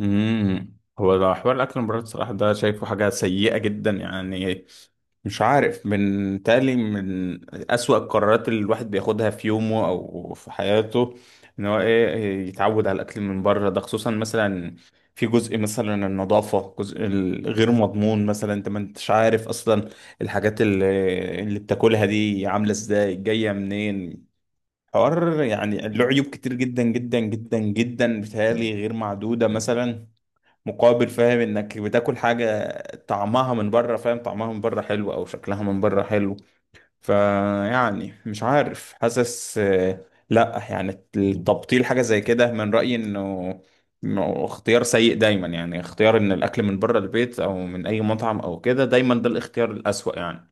هو ده حوار الاكل من بره الصراحه ده شايفه حاجه سيئه جدا يعني. مش عارف من اسوأ القرارات اللي الواحد بياخدها في يومه او في حياته، ان هو ايه يتعود على الاكل من بره ده. خصوصا مثلا في جزء مثلا النظافه، جزء الغير مضمون مثلا، انت ما انتش عارف اصلا الحاجات اللي بتاكلها دي عامله ازاي، جايه منين. حوار يعني له عيوب كتير جدا جدا جدا جدا بتهيألي غير معدوده مثلا، مقابل فاهم انك بتاكل حاجة طعمها من بره، فاهم طعمها من بره حلو او شكلها من بره حلو. فيعني مش عارف، حاسس آه، لا يعني التبطيل حاجة زي كده من رأيي انه إنه اختيار سيء دايما. يعني اختيار ان الاكل من بره البيت او من اي مطعم او كده دايما ده الاختيار الأسوأ يعني.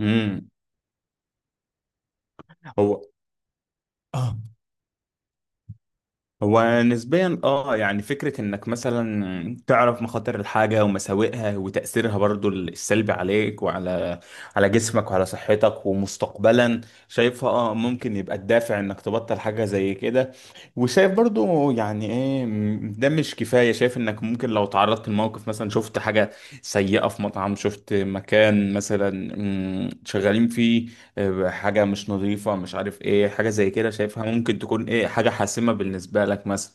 امم هو هو نسبيا اه، يعني فكرة انك مثلا تعرف مخاطر الحاجة ومساوئها وتأثيرها برضو السلبي عليك، وعلى جسمك وعلى صحتك ومستقبلا، شايفها اه ممكن يبقى الدافع انك تبطل حاجة زي كده. وشايف برضو يعني ايه، ده مش كفاية. شايف انك ممكن لو تعرضت لموقف، مثلا شفت حاجة سيئة في مطعم، شفت مكان مثلا، شغالين فيه آه، حاجة مش نظيفة، مش عارف ايه، حاجة زي كده شايفها ممكن تكون ايه، حاجة حاسمة بالنسبة لك مثلا.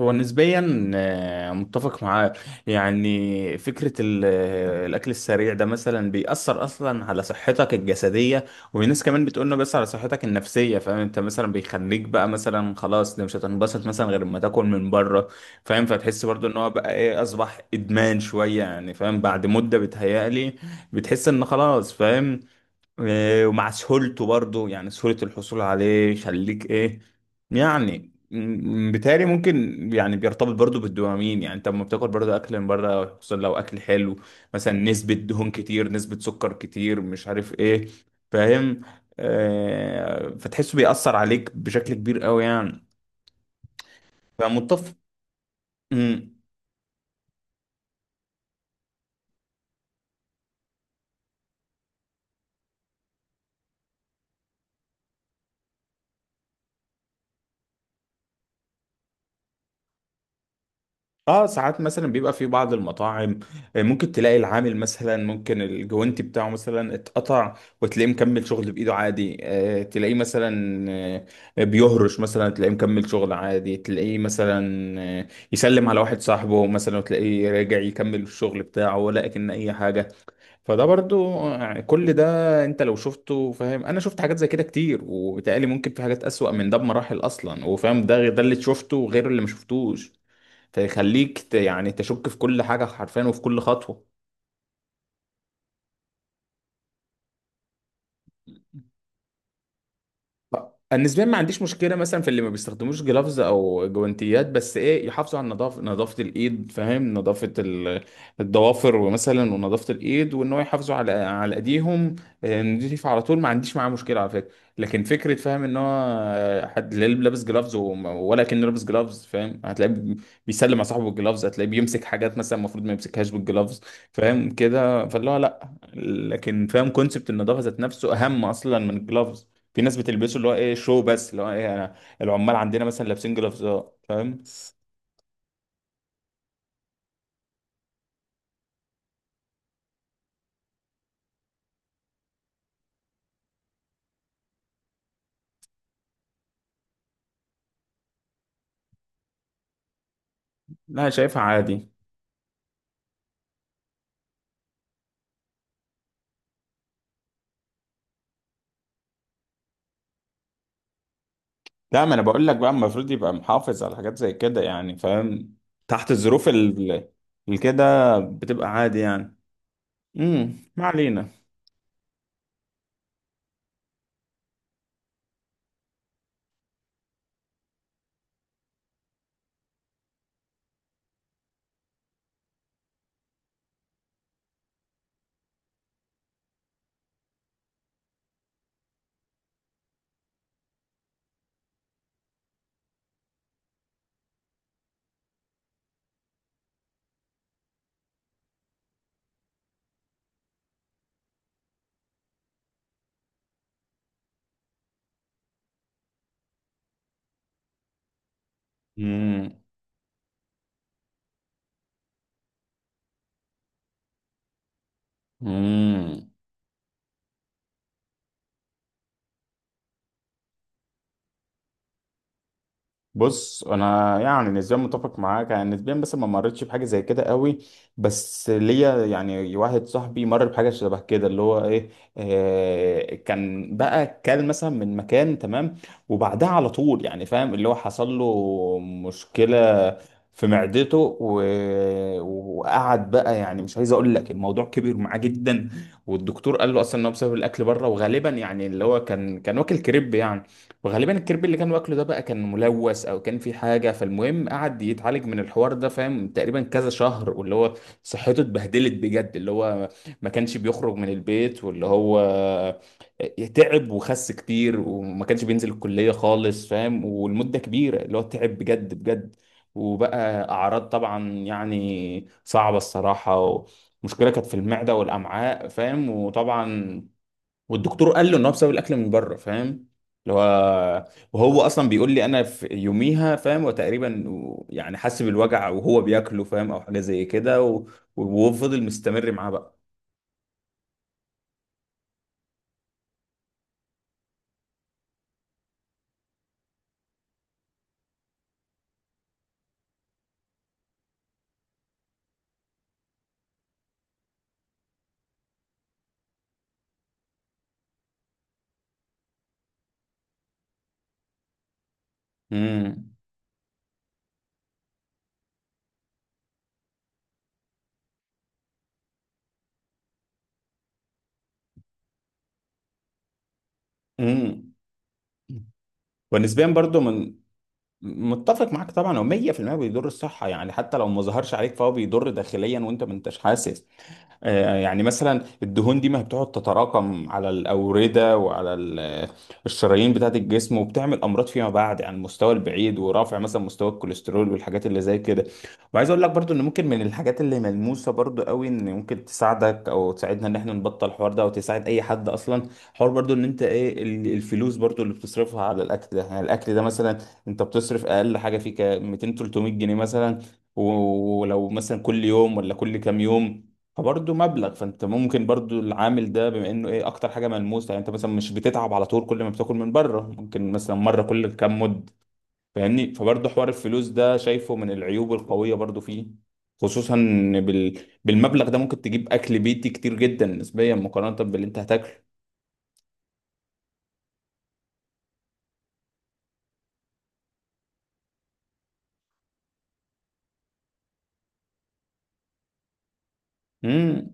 هو نسبيا آه، متفق معاه. يعني فكرة الأكل السريع ده مثلا بيأثر أصلا على صحتك الجسدية، والناس كمان بتقولنا بس على صحتك النفسية، فاهم؟ انت مثلا بيخليك بقى مثلا خلاص ده مش هتنبسط مثلا غير ما تاكل من بره، فاهم؟ فتحس برضو ان هو بقى ايه، أصبح إدمان شوية يعني، فاهم؟ بعد مدة بتهيألي بتحس ان خلاص فاهم. إيه، ومع سهولته برضو، يعني سهولة الحصول عليه، يخليك ايه، يعني بالتالي ممكن يعني بيرتبط برضو بالدوبامين. يعني انت لما بتاكل برضو اكل من بره، خصوصا لو اكل حلو مثلا، نسبة دهون كتير، نسبة سكر كتير، مش عارف ايه، فاهم؟ آه، فتحسه بيأثر عليك بشكل كبير قوي يعني. فمتفق. اه ساعات مثلا بيبقى في بعض المطاعم آه، ممكن تلاقي العامل مثلا ممكن الجوانتي بتاعه مثلا اتقطع، وتلاقيه مكمل شغل بايده عادي. آه، تلاقيه مثلا آه، بيهرش مثلا، تلاقيه مكمل شغل عادي، تلاقيه مثلا آه، يسلم على واحد صاحبه مثلا، وتلاقيه راجع يكمل الشغل بتاعه ولا اكن اي حاجة. فده برضو آه، كل ده انت لو شفته فاهم. انا شفت حاجات زي كده كتير، وبالتالي ممكن في حاجات اسوأ من ده بمراحل اصلا، وفاهم ده اللي شفته غير اللي ما شفتوش، تخليك يعني تشك في كل حاجة حرفيا وفي كل خطوة. النسبيا ما عنديش مشكله مثلا في اللي ما بيستخدموش جلافز او جوانتيات، بس ايه، يحافظوا على النظافه، نظافه الايد، فاهم؟ نظافه الضوافر ومثلا ونظافه الايد، وان هو يحافظوا على ايديهم آه، نضيف على طول. ما عنديش معاه مشكله على فكره. لكن فكره فاهم ان هو آه، حد لا لابس جلافز ولا كان لابس جلافز، فاهم؟ هتلاقيه بيسلم على صاحبه بالجلافز، هتلاقيه بيمسك حاجات مثلا المفروض ما يمسكهاش بالجلافز، فاهم كده؟ فاللي هو لا، لكن فاهم كونسبت النظافه ذات نفسه اهم اصلا من الجلافز. في ناس بتلبسه اللي هو ايه شو، بس اللي هو ايه، انا العمال عندنا مثلا لابسين جلافزات فاهم. لا شايفها عادي. لا، ما انا بقول لك بقى المفروض يبقى محافظ على حاجات زي كده يعني فاهم. تحت الظروف كده بتبقى عادي يعني. امم، ما علينا. امم. بص انا يعني نسبيا متفق معاك يعني نسبيا، بس ما مرتش بحاجه زي كده قوي، بس ليا يعني واحد صاحبي مر بحاجه شبه كده. اللي هو ايه، آه، كان بقى كل مثلا من مكان تمام، وبعدها على طول يعني فاهم اللي هو حصل له مشكله في معدته و... وقعد بقى يعني مش عايز اقول لك، الموضوع كبر معاه جدا. والدكتور قال له اصلا ان هو بسبب الاكل بره، وغالبا يعني اللي هو كان واكل كريب يعني، وغالبا الكرب اللي كان واكله ده بقى كان ملوث او كان في حاجه. فالمهم قعد يتعالج من الحوار ده، فاهم؟ تقريبا كذا شهر، واللي هو صحته اتبهدلت بجد. اللي هو ما كانش بيخرج من البيت، واللي هو تعب وخس كتير، وما كانش بينزل الكليه خالص، فاهم؟ والمده كبيره اللي هو تعب بجد بجد. وبقى اعراض طبعا يعني صعبه الصراحه، مشكلة كانت في المعدة والأمعاء فاهم، وطبعا والدكتور قال له ان هو بسبب الاكل من بره، فاهم؟ اللي هو وهو اصلا بيقول لي انا في يوميها، فاهم؟ وتقريبا يعني حس بالوجع وهو بياكله، فاهم؟ او حاجه زي كده، وهو فضل مستمر معاه بقى. امم، امم. ونسبيا برضو من، متفق معاك طبعا. هو 100% بيضر الصحه يعني، حتى لو ما ظهرش عليك فهو بيضر داخليا وانت ما انتش حاسس. آه، يعني مثلا الدهون دي ما بتقعد تتراكم على الأوردة وعلى الشرايين بتاعة الجسم، وبتعمل أمراض فيما بعد عن المستوى البعيد، ورفع مثلا مستوى الكوليسترول والحاجات اللي زي كده. وعايز أقول لك برضو إن ممكن من الحاجات اللي ملموسة برضو قوي، إن ممكن تساعدك أو تساعدنا إن إحنا نبطل الحوار ده، أو تساعد أي حد أصلا، حوار برضو إن أنت إيه الفلوس برضو اللي بتصرفها على الأكل ده. يعني الأكل ده مثلا أنت بتصرف أقل حاجة فيه 200 300 جنيه مثلا، ولو مثلا كل يوم ولا كل كام يوم، فبرضه مبلغ. فانت ممكن برضه العامل ده، بما انه ايه اكتر حاجه ملموسه، يعني انت مثلا مش بتتعب على طول كل ما بتاكل من بره، ممكن مثلا مره كل كام مد، فاهمني؟ فبرضه حوار الفلوس ده شايفه من العيوب القويه برضه فيه، خصوصا إن بالمبلغ ده ممكن تجيب اكل بيتي كتير جدا نسبيا مقارنه باللي انت هتاكله. مم.